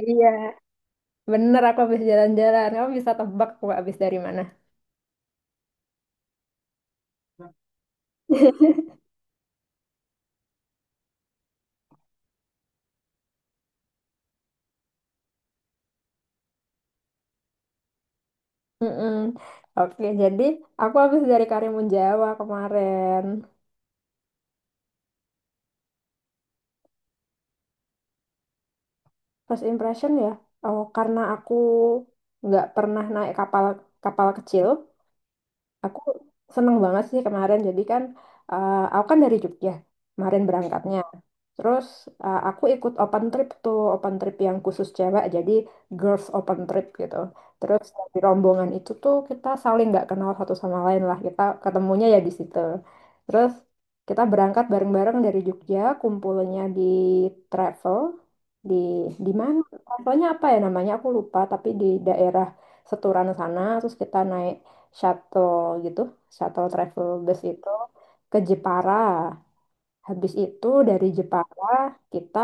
Iya, bener aku habis jalan-jalan. Kamu bisa tebak aku habis dari mana? Mm-mm. Oke, jadi aku habis dari Karimun Jawa kemarin. First impression ya, oh karena aku nggak pernah naik kapal kapal kecil, aku seneng banget sih kemarin. Jadi kan, aku kan dari Jogja kemarin berangkatnya. Terus aku ikut open trip tuh, open trip yang khusus cewek, jadi girls open trip gitu. Terus di rombongan itu tuh kita saling nggak kenal satu sama lain lah, kita ketemunya ya di situ. Terus kita berangkat bareng-bareng dari Jogja, kumpulnya di travel, di di mana? Travelnya apa ya namanya? Aku lupa, tapi di daerah Seturan sana. Terus kita naik shuttle gitu, shuttle travel bus itu ke Jepara. Habis itu dari Jepara kita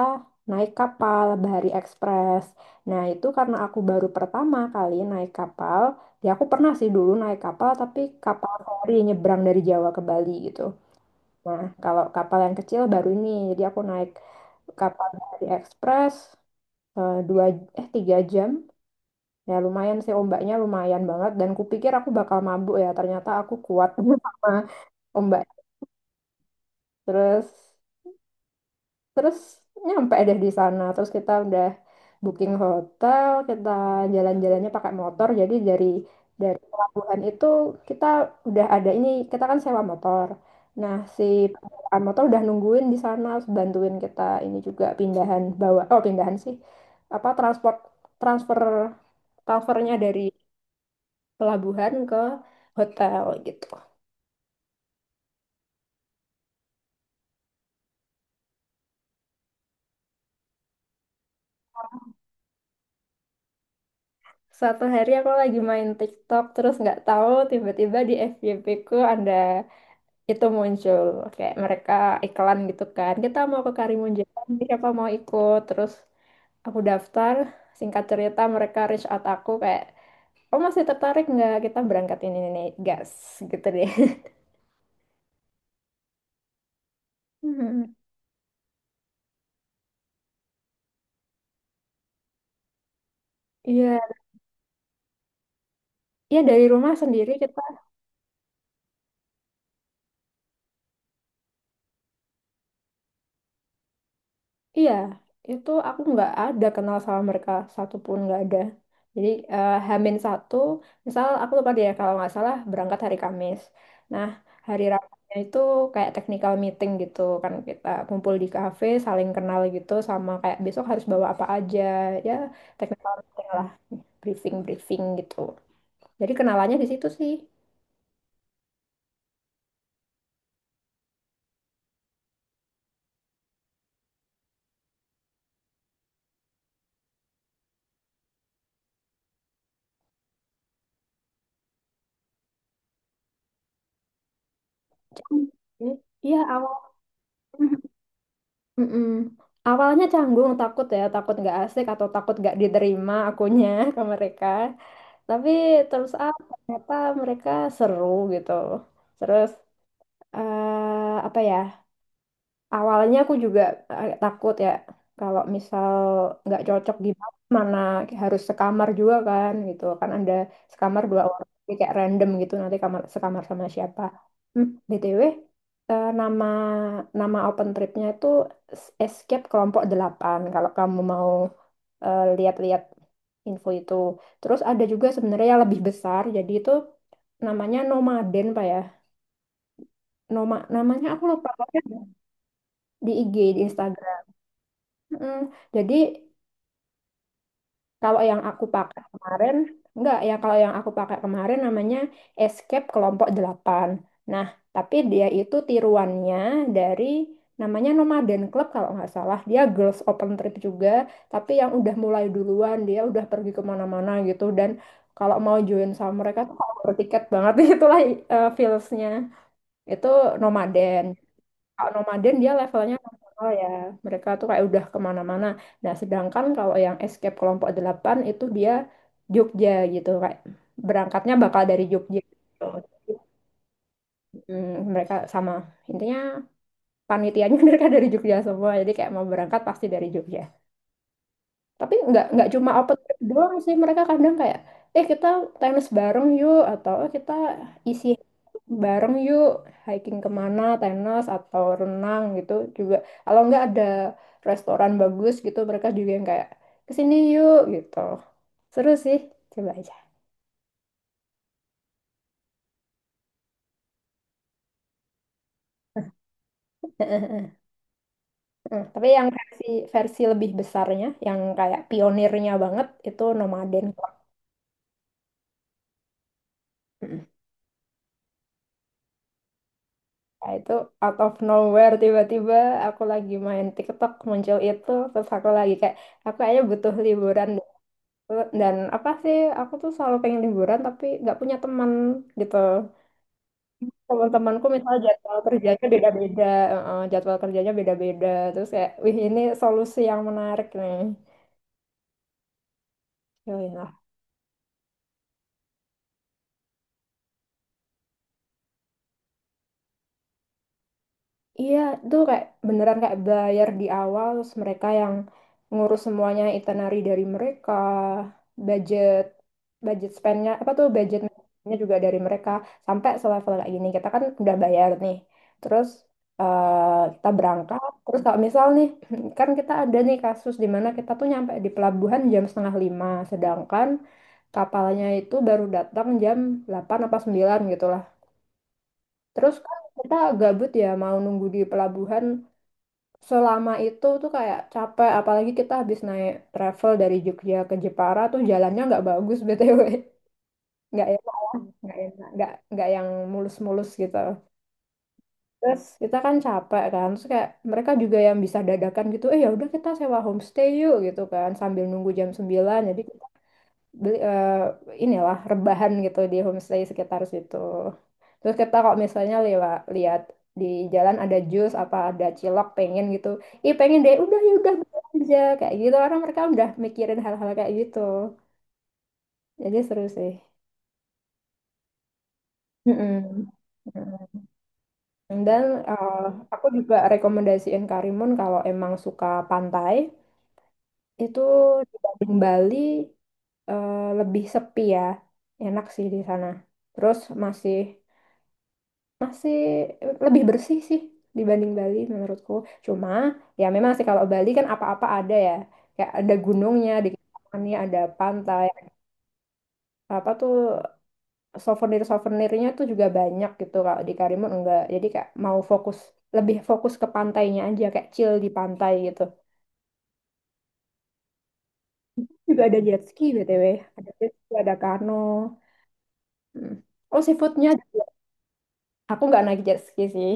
naik kapal Bahari Express. Nah itu karena aku baru pertama kali naik kapal. Ya aku pernah sih dulu naik kapal tapi kapal feri nyebrang dari Jawa ke Bali gitu. Nah kalau kapal yang kecil baru ini. Jadi aku naik kapal Bahari Express eh, dua eh tiga jam. Ya lumayan sih ombaknya lumayan banget dan kupikir aku bakal mabuk ya ternyata aku kuat sama ombak. Terus Terus nyampe deh di sana. Terus kita udah booking hotel, kita jalan-jalannya pakai motor. Jadi dari pelabuhan itu kita udah ada ini, kita kan sewa motor. Nah, si penyewaan motor udah nungguin di sana, bantuin kita ini juga pindahan bawa, oh pindahan sih, apa transfer transfernya dari pelabuhan ke hotel gitu. Suatu hari aku lagi main TikTok terus nggak tahu tiba-tiba di FYP ku ada itu muncul kayak mereka iklan gitu kan kita mau ke Karimun Jawa siapa mau ikut terus aku daftar singkat cerita mereka reach out aku kayak oh masih tertarik nggak kita berangkat ini nih gas gitu deh. Hmm. Iya, iya dari rumah sendiri kita. Iya, itu aku nggak ada kenal sama mereka satupun nggak ada. Jadi Hamin satu, misal aku lupa deh ya, kalau nggak salah berangkat hari Kamis. Nah, hari Rabunya itu kayak technical meeting gitu kan kita kumpul di kafe, saling kenal gitu sama kayak besok harus bawa apa aja ya, technical meeting lah, briefing briefing gitu. Jadi kenalannya di situ sih. Jadi, iya awal. Mm-mm. Awalnya canggung, takut ya, takut nggak asik atau takut nggak diterima akunya ke mereka. Tapi terus ah ternyata mereka seru gitu. Terus apa ya? Awalnya aku juga agak takut ya kalau misal nggak cocok gimana mana harus sekamar juga kan gitu kan ada sekamar dua orang jadi kayak random gitu nanti kamar sekamar sama siapa. Hmm, BTW eh, nama nama open tripnya itu Escape Kelompok delapan kalau kamu mau lihat-lihat info itu, terus ada juga sebenarnya yang lebih besar jadi itu namanya Nomaden Pak ya, namanya aku lupa pokoknya, di IG di Instagram. Mm, jadi kalau yang aku pakai kemarin, enggak ya kalau yang aku pakai kemarin namanya Escape Kelompok Delapan. Nah, tapi dia itu tiruannya dari namanya Nomaden Club kalau nggak salah. Dia girls open trip juga, tapi yang udah mulai duluan, dia udah pergi kemana-mana gitu. Dan kalau mau join sama mereka tuh kalau bertiket banget itulah feels-nya. Itu Nomaden. Kalau nomaden dia levelnya nasional ya. Mereka tuh kayak udah kemana-mana. Nah, sedangkan kalau yang escape kelompok delapan itu dia Jogja gitu. Kayak berangkatnya bakal dari Jogja gitu. Hmm, mereka sama. Intinya panitianya mereka dari Jogja semua. Jadi kayak mau berangkat pasti dari Jogja. Tapi nggak cuma open trip doang sih, mereka kadang kayak, kita tenis bareng yuk, atau "Eh, kita isi bareng yuk, hiking kemana, tenis atau renang gitu juga. Kalau nggak ada restoran bagus gitu, mereka juga yang kayak, kesini yuk gitu. Seru sih, coba aja. Hmm, tapi yang versi versi lebih besarnya, yang kayak pionirnya banget, itu nomaden Club. Nah, itu out of nowhere tiba-tiba aku lagi main TikTok muncul itu terus aku lagi kayak aku kayaknya butuh liburan deh. Dan apa sih aku tuh selalu pengen liburan tapi nggak punya teman gitu, teman-temanku misalnya jadwal kerjanya beda-beda, jadwal kerjanya beda-beda terus kayak wih ini solusi yang menarik nih, yoi. Iya, itu kayak beneran kayak bayar di awal, terus mereka yang ngurus semuanya, itinerary dari mereka, budget, budget spendnya apa tuh budgetnya juga dari mereka sampai selevel kayak gini. Kita kan udah bayar nih, terus kita berangkat. Terus kalau misal nih, kan kita ada nih kasus di mana kita tuh nyampe di pelabuhan jam setengah lima, sedangkan kapalnya itu baru datang jam 8 apa 9 gitu lah. Terus kan kita gabut ya mau nunggu di pelabuhan selama itu tuh kayak capek apalagi kita habis naik travel dari Jogja ke Jepara tuh jalannya nggak bagus BTW nggak enak, nggak yang mulus-mulus gitu, terus kita kan capek kan terus kayak mereka juga yang bisa dadakan gitu eh ya udah kita sewa homestay yuk gitu kan sambil nunggu jam 9, jadi beli eh, inilah rebahan gitu di homestay sekitar situ. Terus kita kalau misalnya lewat lihat di jalan ada jus apa ada cilok pengen gitu. Ih pengen deh udah ya udah beli aja kayak gitu orang mereka udah mikirin hal-hal kayak gitu. Jadi seru sih. Mm-mm. Mm. Dan eh, aku juga rekomendasiin Karimun kalau emang suka pantai itu dibanding Bali, lebih sepi ya. Enak sih di sana. Terus masih masih lebih bersih sih dibanding Bali menurutku. Cuma ya memang sih kalau Bali kan apa-apa ada ya. Kayak ada gunungnya, di kepulauannya ada pantai, apa tuh souvenir-souvenirnya tuh juga banyak gitu. Kalau di Karimun enggak. Jadi kayak mau fokus lebih fokus ke pantainya aja kayak chill di pantai gitu. Juga ada jet ski BTW, ada jet ski, ada kano. Hmm. Oh, seafoodnya juga. Aku nggak naik jet ski sih.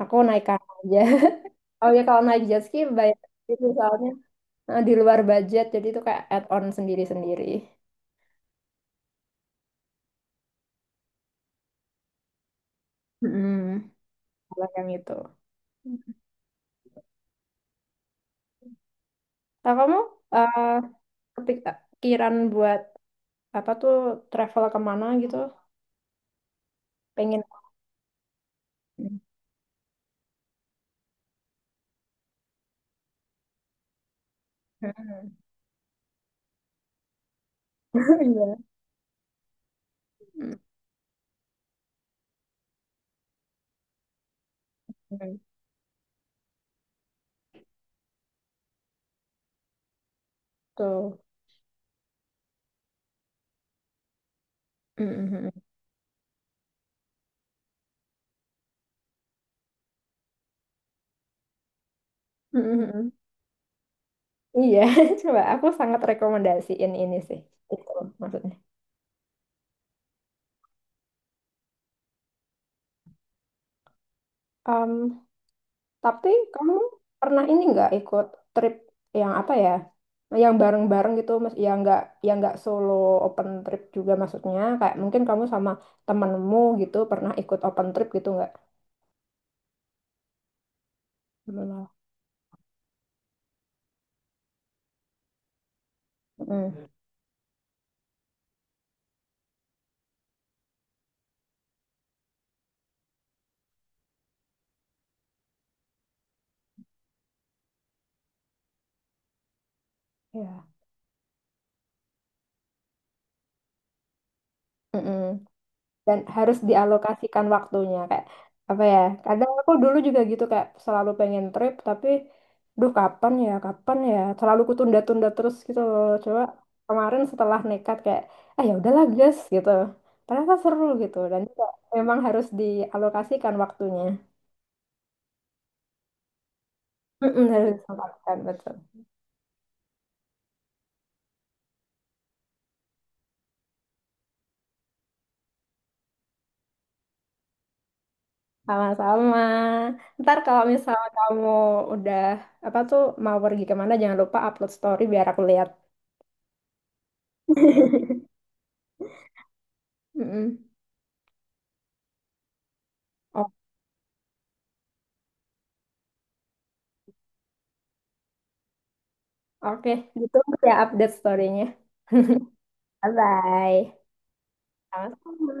Aku naik kano aja. Oh ya kalau naik jet ski bayar itu soalnya, nah, di luar budget, jadi itu kayak add-on sendiri-sendiri. Mm-mm. Kalau yang itu. Nah, kamu eh, kepikiran buat apa tuh travel kemana gitu? Pengen? Mm. Iya. Mm. Tuh. Mm-mm. Mm-mm. Iya, coba aku sangat rekomendasiin ini sih. Itu maksudnya. Mmm, tapi kamu pernah ini nggak ikut trip yang apa ya? Yang bareng-bareng gitu, mas, yang nggak solo open trip juga maksudnya. Kayak mungkin kamu sama temenmu gitu pernah ikut open trip gitu nggak? Belum. Mm. Ya. Mm-mm. Dan harus dialokasikan waktunya kayak apa ya, kadang aku dulu juga gitu kayak selalu pengen trip tapi duh kapan ya selalu kutunda-tunda terus gitu loh, coba kemarin setelah nekat kayak ah ya udahlah guys gitu ternyata seru gitu dan juga memang harus dialokasikan waktunya. Mm-mm, harus disempatkan betul. Sama-sama. Ntar kalau misalnya kamu udah apa tuh mau pergi kemana jangan lupa upload story biar aku lihat. Mm-mm. Oke, ditunggu ya update story-nya. Bye-bye. Sama-sama.